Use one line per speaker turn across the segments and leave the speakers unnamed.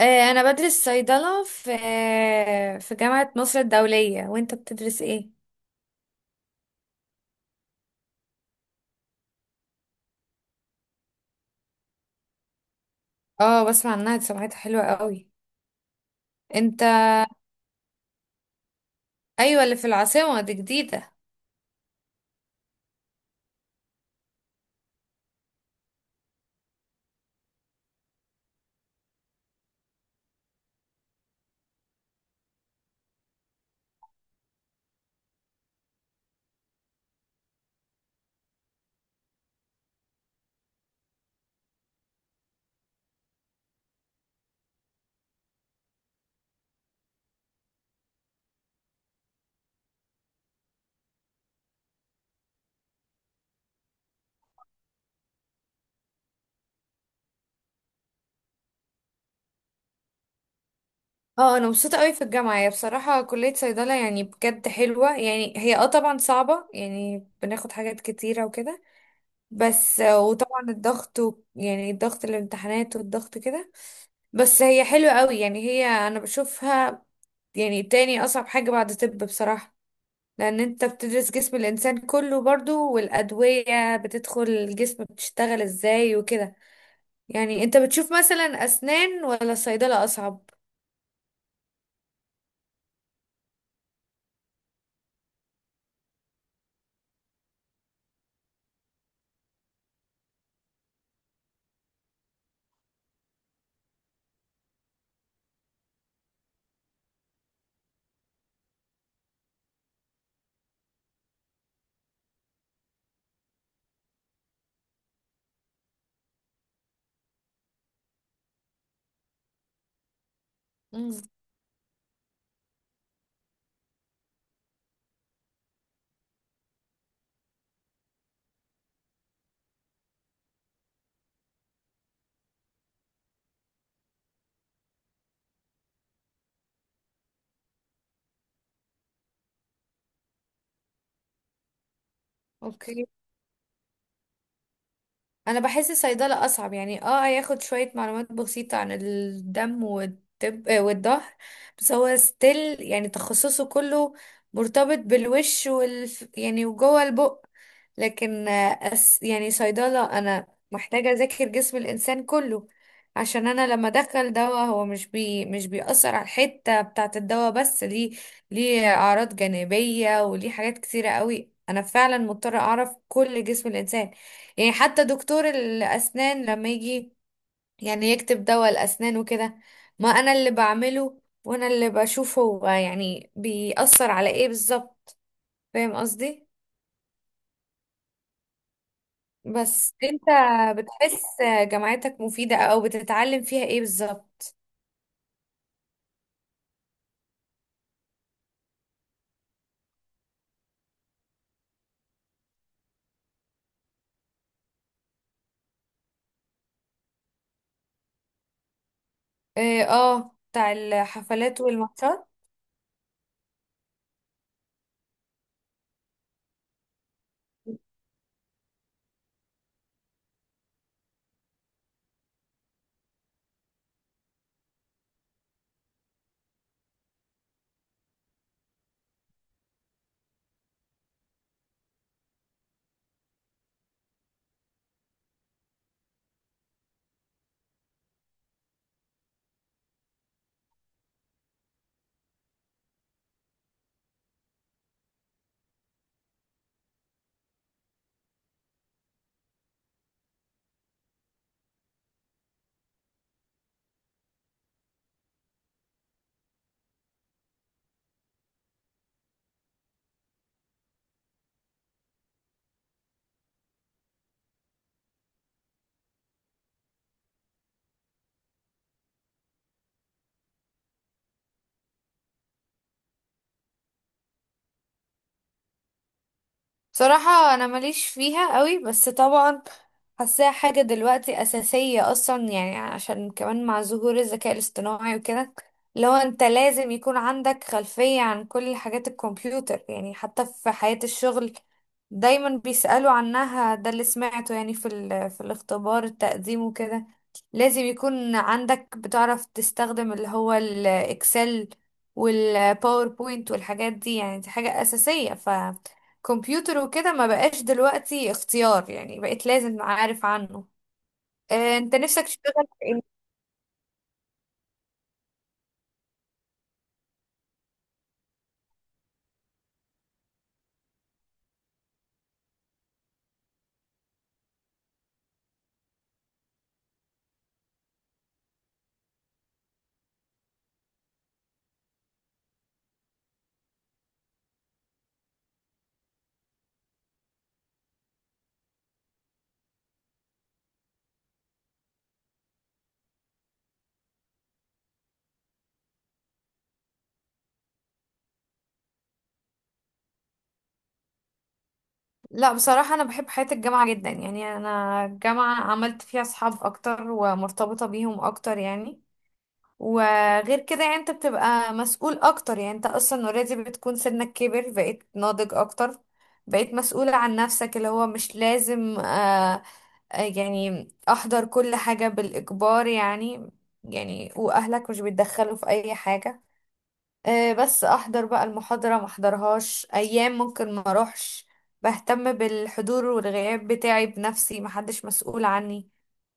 آه، انا بدرس صيدلة في جامعة مصر الدولية. وانت بتدرس ايه؟ اه، بسمع عنها، دي سمعتها حلوة قوي. انت ايوه، اللي في العاصمة دي جديدة. اه، انا مبسوطة قوي في الجامعة. هي بصراحة كلية صيدلة يعني بجد حلوة. يعني هي، اه، طبعا صعبة، يعني بناخد حاجات كتيرة وكده. بس وطبعا الضغط يعني الضغط، الامتحانات والضغط كده. بس هي حلوة قوي يعني. هي انا بشوفها يعني تاني اصعب حاجة بعد طب بصراحة. لان انت بتدرس جسم الانسان كله برضو، والادوية بتدخل الجسم بتشتغل ازاي وكده. يعني انت بتشوف مثلا اسنان ولا صيدلة اصعب؟ امم. اوكي. انا بحس الصيدله اصعب. يعني اه هياخد شويه معلومات بسيطه عن الدم والطب والظهر. بس هو ستيل يعني تخصصه كله مرتبط بالوش يعني وجوه البق. لكن آه، أس يعني صيدله انا محتاجه اذاكر جسم الانسان كله. عشان انا لما ادخل دواء، هو مش بيأثر على الحته بتاعه الدواء بس، ليه اعراض جانبيه وليه حاجات كتيره قوي. انا فعلا مضطره اعرف كل جسم الانسان. يعني حتى دكتور الأسنان لما يجي يعني يكتب دواء الأسنان وكده، ما أنا اللي بعمله، وأنا اللي بشوف هو يعني بيأثر على إيه بالظبط. فاهم قصدي؟ بس أنت بتحس جامعتك مفيدة، أو بتتعلم فيها إيه بالظبط؟ إيه، آه، بتاع الحفلات والماتشات. بصراحة أنا ماليش فيها قوي، بس طبعا حاساها حاجة دلوقتي أساسية أصلا. يعني عشان كمان مع ظهور الذكاء الاصطناعي وكده، لو أنت لازم يكون عندك خلفية عن كل حاجات الكمبيوتر. يعني حتى في حياة الشغل دايما بيسألوا عنها، ده اللي سمعته يعني في الاختبار التقديم وكده. لازم يكون عندك، بتعرف تستخدم اللي هو الإكسل والباوربوينت والحاجات دي. يعني دي حاجة أساسية، كمبيوتر وكده ما بقاش دلوقتي اختيار. يعني بقيت لازم عارف عنه. انت نفسك تشتغل في ايه؟ لا، بصراحة انا بحب حياة الجامعة جدا. يعني انا الجامعة عملت فيها اصحاب اكتر، ومرتبطة بيهم اكتر يعني. وغير كده يعني انت بتبقى مسؤول اكتر. يعني انت اصلا اوريدي بتكون سنك كبر، بقيت ناضج اكتر، بقيت مسؤولة عن نفسك. اللي هو مش لازم يعني احضر كل حاجة بالاجبار يعني. يعني واهلك مش بيتدخلوا في اي حاجة. بس احضر بقى المحاضرة، ما احضرهاش ايام، ممكن ما اروحش. بهتم بالحضور والغياب بتاعي بنفسي، محدش مسؤول عني.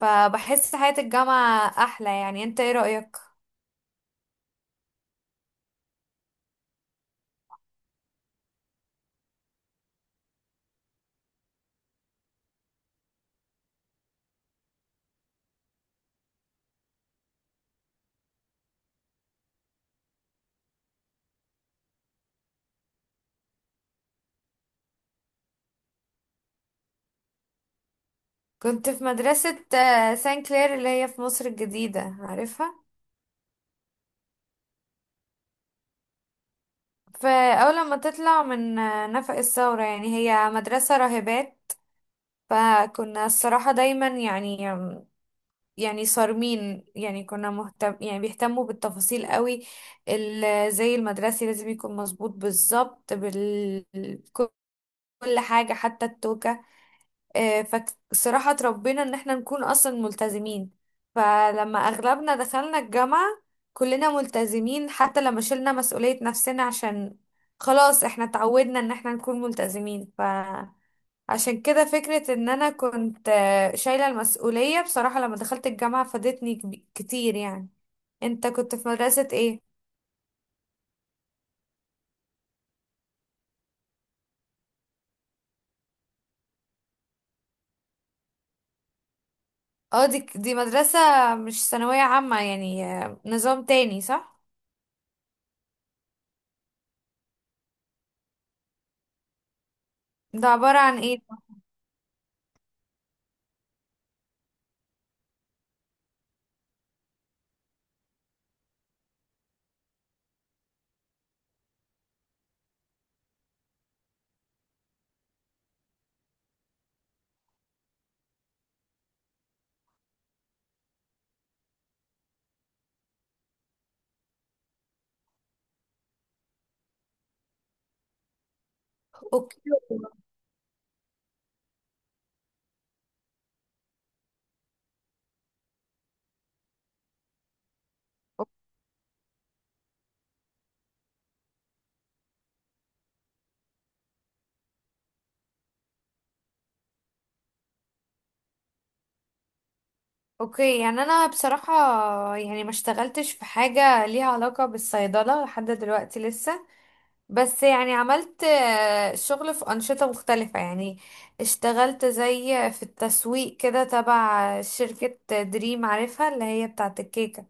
فبحس حياة الجامعة احلى. يعني انت ايه رأيك؟ كنت في مدرسة سان كلير، اللي هي في مصر الجديدة، عارفها؟ فاول لما تطلع من نفق الثورة. يعني هي مدرسة راهبات، فكنا الصراحة دايما يعني، يعني صارمين. يعني كنا مهتم، يعني بيهتموا بالتفاصيل قوي. زي المدرسي لازم يكون مظبوط بالظبط كل حاجة، حتى التوكة. آه، فصراحة اتربينا ان احنا نكون اصلا ملتزمين. فلما اغلبنا دخلنا الجامعة كلنا ملتزمين، حتى لما شلنا مسؤولية نفسنا، عشان خلاص احنا اتعودنا ان احنا نكون ملتزمين. عشان كده فكرة ان انا كنت شايلة المسؤولية بصراحة لما دخلت الجامعة، فادتني كتير يعني. انت كنت في مدرسة ايه؟ اه، دي مدرسة مش ثانوية عامة يعني، نظام تاني، صح؟ ده عبارة عن ايه؟ اوكي. اوكي، يعني انا بصراحة يعني ما اشتغلتش في حاجة ليها علاقة بالصيدلة لحد دلوقتي لسه. بس يعني عملت شغل في أنشطة مختلفة. يعني اشتغلت زي في التسويق كده، تبع شركة دريم، عارفها اللي هي بتاعة الكيكة.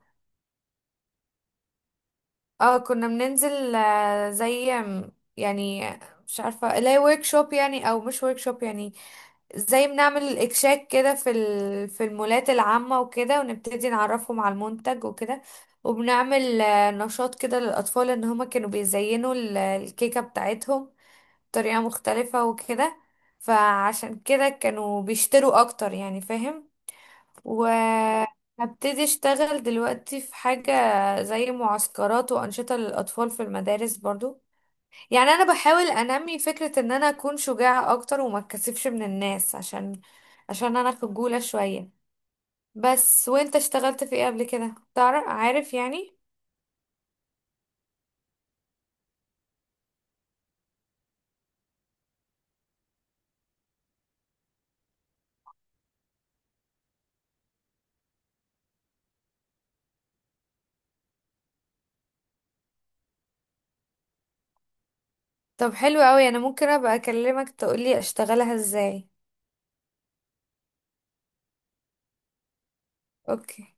اه كنا بننزل زي يعني، مش عارفة اللي هي ورك شوب يعني، او مش ورك شوب يعني. زي بنعمل اكشاك كده في المولات العامة وكده، ونبتدي نعرفهم على المنتج وكده. وبنعمل نشاط كده للأطفال ان هما كانوا بيزينوا الكيكة بتاعتهم طريقة مختلفة وكده. فعشان كده كانوا بيشتروا اكتر يعني، فاهم. وهبتدي اشتغل دلوقتي في حاجة زي معسكرات وانشطة للاطفال في المدارس برضو. يعني انا بحاول انمي فكرة ان انا اكون شجاعة اكتر وما اتكسفش من الناس، عشان انا خجولة شوية. بس، وانت اشتغلت في ايه قبل كده؟ تعرف عارف يعني. طب حلو قوي، انا ممكن ابقى اكلمك تقولي اشتغلها ازاي. اوكي.